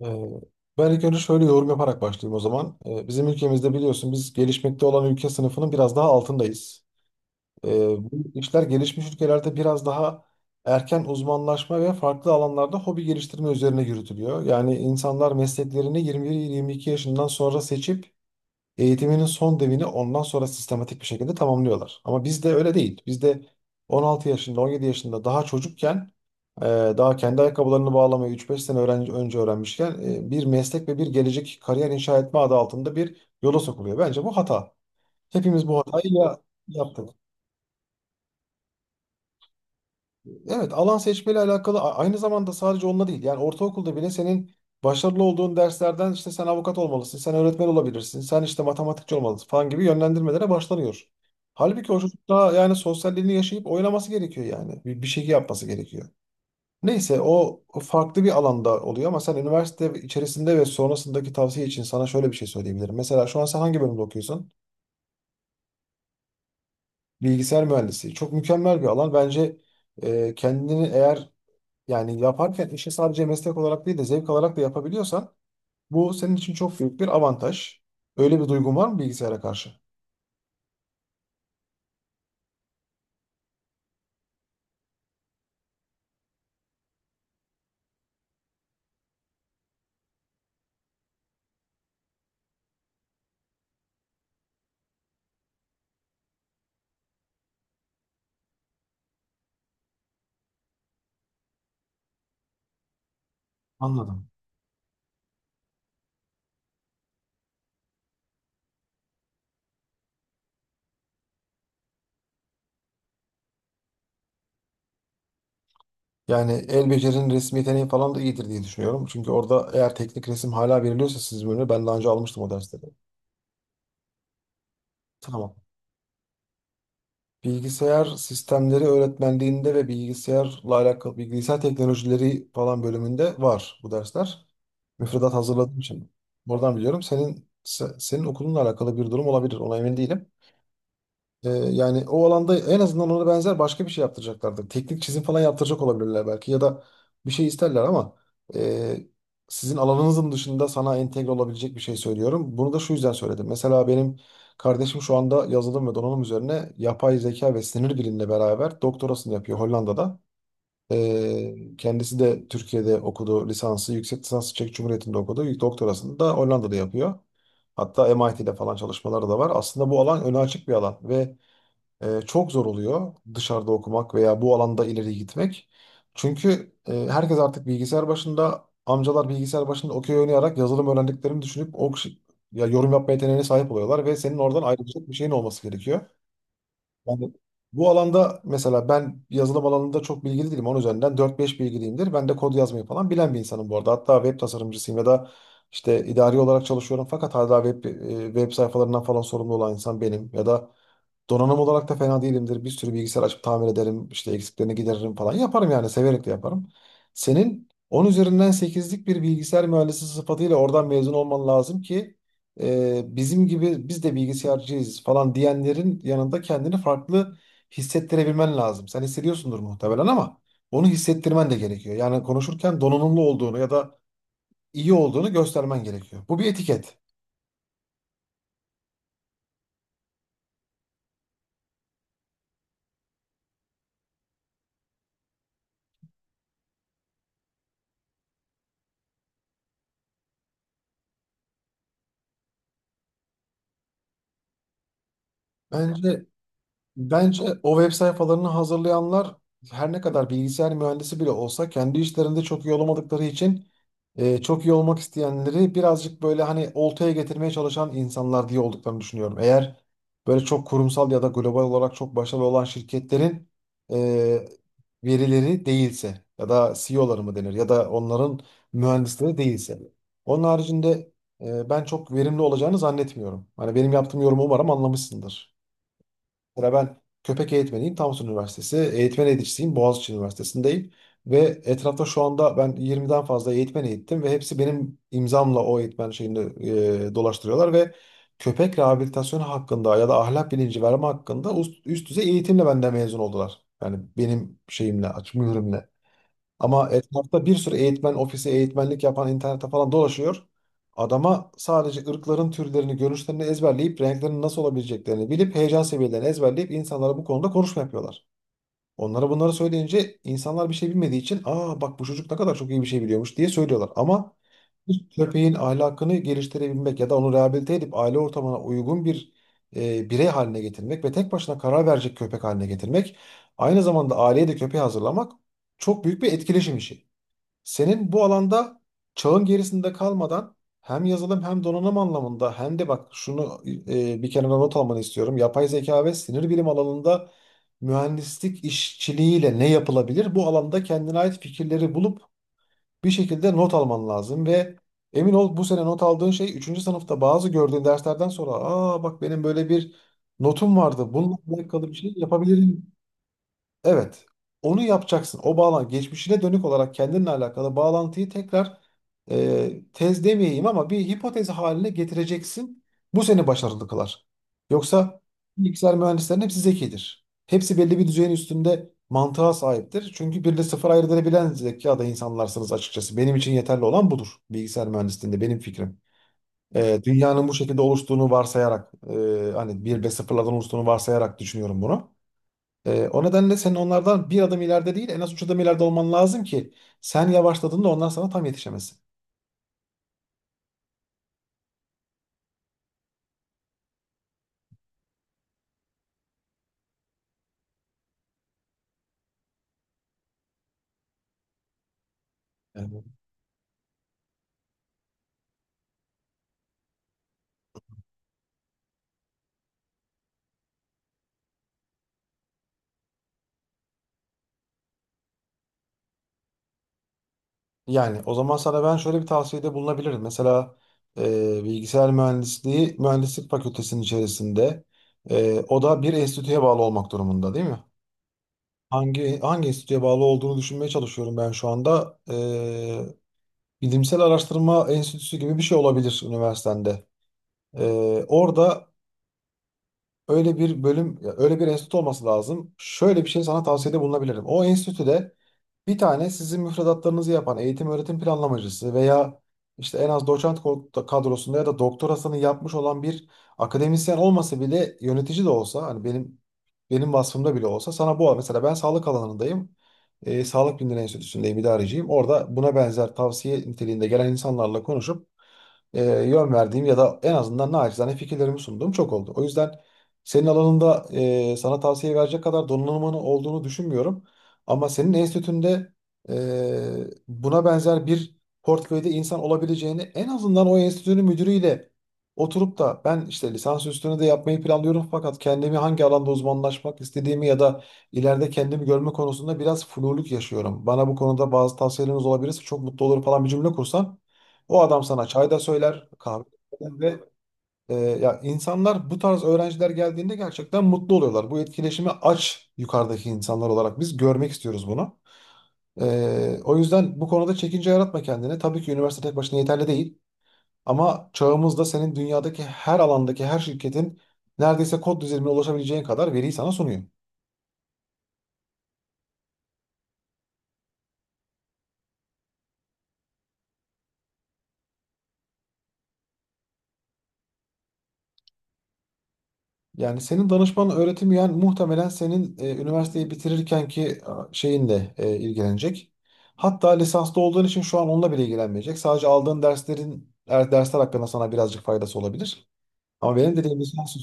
Ee, Ben ilk önce şöyle yorum yaparak başlayayım o zaman. Bizim ülkemizde biliyorsun biz gelişmekte olan ülke sınıfının biraz daha altındayız. Ee, Bu işler gelişmiş ülkelerde biraz daha erken uzmanlaşma ve farklı alanlarda hobi geliştirme üzerine yürütülüyor. Yani insanlar mesleklerini 21-22 yaşından sonra seçip eğitiminin son devini ondan sonra sistematik bir şekilde tamamlıyorlar. Ama bizde öyle değil. Bizde 16 yaşında, 17 yaşında daha çocukken ee, daha kendi ayakkabılarını bağlamayı 3-5 sene önce öğrenmişken bir meslek ve bir gelecek kariyer inşa etme adı altında bir yola sokuluyor. Bence bu hata. Hepimiz bu hatayı yaptık. Evet, alan seçmeyle alakalı aynı zamanda sadece onunla değil. Yani ortaokulda bile senin başarılı olduğun derslerden işte sen avukat olmalısın, sen öğretmen olabilirsin, sen işte matematikçi olmalısın falan gibi yönlendirmelere başlanıyor. Halbuki o çocuk daha yani sosyalliğini yaşayıp oynaması gerekiyor yani. Bir şey yapması gerekiyor. Neyse o farklı bir alanda oluyor ama sen üniversite içerisinde ve sonrasındaki tavsiye için sana şöyle bir şey söyleyebilirim. Mesela şu an sen hangi bölümde okuyorsun? Bilgisayar mühendisliği çok mükemmel bir alan. Bence kendini eğer yani yaparken işi sadece meslek olarak değil de zevk alarak da yapabiliyorsan bu senin için çok büyük bir avantaj. Öyle bir duygun var mı bilgisayara karşı? Anladım. Yani el becerinin resim yeteneği falan da iyidir diye düşünüyorum. Çünkü orada eğer teknik resim hala veriliyorsa siz bölümü ben daha önce almıştım o dersleri. Tamam. Bilgisayar sistemleri öğretmenliğinde ve bilgisayarla alakalı bilgisayar teknolojileri falan bölümünde var bu dersler. Müfredat hazırladığım için. Oradan biliyorum. Senin okulunla alakalı bir durum olabilir. Ona emin değilim. Yani o alanda en azından ona benzer başka bir şey yaptıracaklardır. Teknik çizim falan yaptıracak olabilirler belki ya da bir şey isterler ama e, sizin alanınızın dışında sana entegre olabilecek bir şey söylüyorum. Bunu da şu yüzden söyledim. Mesela benim kardeşim şu anda yazılım ve donanım üzerine yapay zeka ve sinir bilimle beraber doktorasını yapıyor Hollanda'da. Kendisi de Türkiye'de okudu lisansı, yüksek lisansı Çek Cumhuriyeti'nde okudu. Doktorasını da Hollanda'da yapıyor. Hatta MIT'de falan çalışmaları da var. Aslında bu alan öne açık bir alan ve çok zor oluyor dışarıda okumak veya bu alanda ileri gitmek. Çünkü herkes artık bilgisayar başında, amcalar bilgisayar başında okey oynayarak yazılım öğrendiklerini düşünüp ya yorum yapma yeteneğine sahip oluyorlar ve senin oradan ayrılacak bir şeyin olması gerekiyor. Yani bu alanda mesela ben yazılım alanında çok bilgili değilim. Onun üzerinden 4-5 bilgiliyimdir. Ben de kod yazmayı falan bilen bir insanım bu arada. Hatta web tasarımcısıyım ya da işte idari olarak çalışıyorum fakat hala web sayfalarından falan sorumlu olan insan benim ya da donanım olarak da fena değilimdir. Bir sürü bilgisayar açıp tamir ederim. İşte eksiklerini gideririm falan. Yaparım yani. Severek de yaparım. Senin 10 üzerinden sekizlik bir bilgisayar mühendisi sıfatıyla oradan mezun olman lazım ki bizim gibi biz de bilgisayarcıyız falan diyenlerin yanında kendini farklı hissettirebilmen lazım. Sen hissediyorsundur muhtemelen ama onu hissettirmen de gerekiyor. Yani konuşurken donanımlı olduğunu ya da iyi olduğunu göstermen gerekiyor. Bu bir etiket. Bence Bence o web sayfalarını hazırlayanlar her ne kadar bilgisayar mühendisi bile olsa kendi işlerinde çok iyi olamadıkları için çok iyi olmak isteyenleri birazcık böyle hani oltaya getirmeye çalışan insanlar diye olduklarını düşünüyorum. Eğer böyle çok kurumsal ya da global olarak çok başarılı olan şirketlerin e, verileri değilse ya da CEO'ları mı denir ya da onların mühendisleri değilse. Onun haricinde ben çok verimli olacağını zannetmiyorum. Hani benim yaptığım yorumu umarım anlamışsındır. Mesela ben köpek eğitmeniyim Samsun Üniversitesi. Eğitmen eğiticisiyim Boğaziçi Üniversitesi'ndeyim. Ve etrafta şu anda ben 20'den fazla eğitmen eğittim ve hepsi benim imzamla o eğitmen şeyini dolaştırıyorlar ve köpek rehabilitasyonu hakkında ya da ahlak bilinci verme hakkında üst düzey eğitimle benden mezun oldular. Yani benim şeyimle, aç mührümle. Ama etrafta bir sürü eğitmen ofisi, eğitmenlik yapan internette falan dolaşıyor. Adama sadece ırkların türlerini, görünüşlerini ezberleyip renklerin nasıl olabileceklerini bilip heyecan seviyelerini ezberleyip insanlara bu konuda konuşma yapıyorlar. Onlara bunları söyleyince insanlar bir şey bilmediği için aa bak bu çocuk ne kadar çok iyi bir şey biliyormuş diye söylüyorlar. Ama bir köpeğin ahlakını geliştirebilmek ya da onu rehabilite edip aile ortamına uygun bir birey haline getirmek ve tek başına karar verecek köpek haline getirmek aynı zamanda aileye de köpeği hazırlamak çok büyük bir etkileşim işi. Senin bu alanda çağın gerisinde kalmadan hem yazılım hem donanım anlamında hem de bak şunu bir kenara not almanı istiyorum. Yapay zeka ve sinir bilim alanında mühendislik işçiliğiyle ne yapılabilir? Bu alanda kendine ait fikirleri bulup bir şekilde not alman lazım ve emin ol bu sene not aldığın şey üçüncü sınıfta bazı gördüğün derslerden sonra aa bak benim böyle bir notum vardı. Bununla alakalı bir şey yapabilirim. Evet. Onu yapacaksın. O bağlan geçmişine dönük olarak kendinle alakalı bağlantıyı tekrar tez demeyeyim ama bir hipotez haline getireceksin. Bu seni başarılı kılar. Yoksa bilgisayar mühendislerinin hepsi zekidir. Hepsi belli bir düzeyin üstünde mantığa sahiptir. Çünkü birle sıfır ayırt edebilen zekada insanlarsınız açıkçası. Benim için yeterli olan budur bilgisayar mühendisliğinde benim fikrim. Dünyanın bu şekilde oluştuğunu varsayarak hani bir ve sıfırlardan oluştuğunu varsayarak düşünüyorum bunu. O nedenle senin onlardan bir adım ileride değil en az üç adım ileride olman lazım ki sen yavaşladığında onlar sana tam yetişemesin. Evet. Yani o zaman sana ben şöyle bir tavsiyede bulunabilirim. Mesela bilgisayar mühendisliği mühendislik fakültesinin içerisinde o da bir enstitüye bağlı olmak durumunda değil mi? Hangi enstitüye bağlı olduğunu düşünmeye çalışıyorum ben şu anda. Bilimsel Araştırma Enstitüsü gibi bir şey olabilir üniversitende. E, Orada öyle bir bölüm, ya öyle bir enstitü olması lazım. Şöyle bir şey sana tavsiyede bulunabilirim. O enstitüde bir tane sizin müfredatlarınızı yapan eğitim öğretim planlamacısı veya işte en az doçent kadrosunda ya da doktorasını yapmış olan bir akademisyen olmasa bile yönetici de olsa hani benim vasfımda bile olsa sana bu mesela ben sağlık alanındayım. Sağlık Bilimleri Enstitüsü'ndeyim, idareciyim. Orada buna benzer tavsiye niteliğinde gelen insanlarla konuşup yön verdiğim ya da en azından naçizane fikirlerimi sunduğum çok oldu. O yüzden senin alanında sana tavsiye verecek kadar donanımın olduğunu düşünmüyorum. Ama senin enstitünde e, buna benzer bir portföyde insan olabileceğini en azından o enstitünün müdürüyle oturup da ben işte lisans üstünü de yapmayı planlıyorum fakat kendimi hangi alanda uzmanlaşmak istediğimi ya da ileride kendimi görme konusunda biraz fluluk yaşıyorum. Bana bu konuda bazı tavsiyeleriniz olabilirse çok mutlu olurum falan bir cümle kursan o adam sana çay da söyler, kahve de söyler ve ya insanlar bu tarz öğrenciler geldiğinde gerçekten mutlu oluyorlar. Bu etkileşimi aç yukarıdaki insanlar olarak biz görmek istiyoruz bunu. O yüzden bu konuda çekince yaratma kendine. Tabii ki üniversite tek başına yeterli değil. Ama çağımızda senin dünyadaki her alandaki her şirketin neredeyse kod düzeyine ulaşabileceğin kadar veriyi sana sunuyor. Yani senin danışman öğretim yani muhtemelen senin üniversiteyi bitirirken ki şeyinle ilgilenecek. Hatta lisanslı olduğun için şu an onunla bile ilgilenmeyecek. Sadece aldığın dersler hakkında sana birazcık faydası olabilir. Ama benim dediğim lisans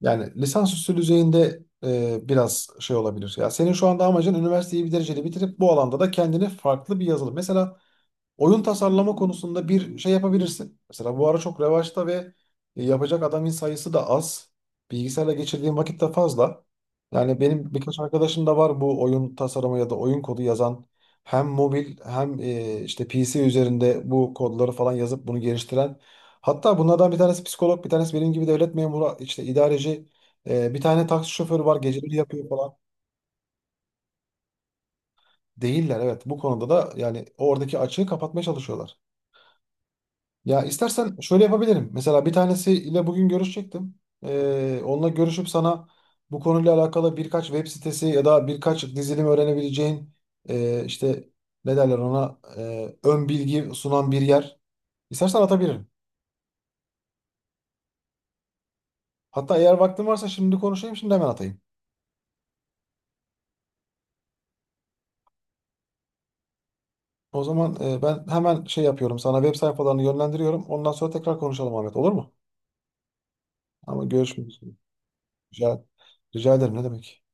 yani lisansüstü düzeyinde biraz şey olabilir. Ya senin şu anda amacın üniversiteyi bir dereceli bitirip bu alanda da kendini farklı bir yazılım. Mesela oyun tasarlama konusunda bir şey yapabilirsin. Mesela bu ara çok revaçta ve yapacak adamın sayısı da az. Bilgisayarla geçirdiğim vakit de fazla. Yani benim birkaç arkadaşım da var bu oyun tasarımı ya da oyun kodu yazan. Hem mobil hem işte PC üzerinde bu kodları falan yazıp bunu geliştiren. Hatta bunlardan bir tanesi psikolog, bir tanesi benim gibi devlet memuru, işte idareci. Bir tane taksi şoförü var, geceleri yapıyor falan. Değiller evet bu konuda da yani oradaki açığı kapatmaya çalışıyorlar. Ya istersen şöyle yapabilirim. Mesela bir tanesiyle bugün görüşecektim. Onunla görüşüp sana bu konuyla alakalı birkaç web sitesi ya da birkaç dizilim öğrenebileceğin işte ne derler ona ön bilgi sunan bir yer. İstersen atabilirim. Hatta eğer vaktin varsa şimdi konuşayım şimdi hemen atayım. O zaman ben hemen şey yapıyorum sana web sayfalarını yönlendiriyorum. Ondan sonra tekrar konuşalım Ahmet, olur mu? Ama görüşmek üzere. Rica, rica ederim ne demek.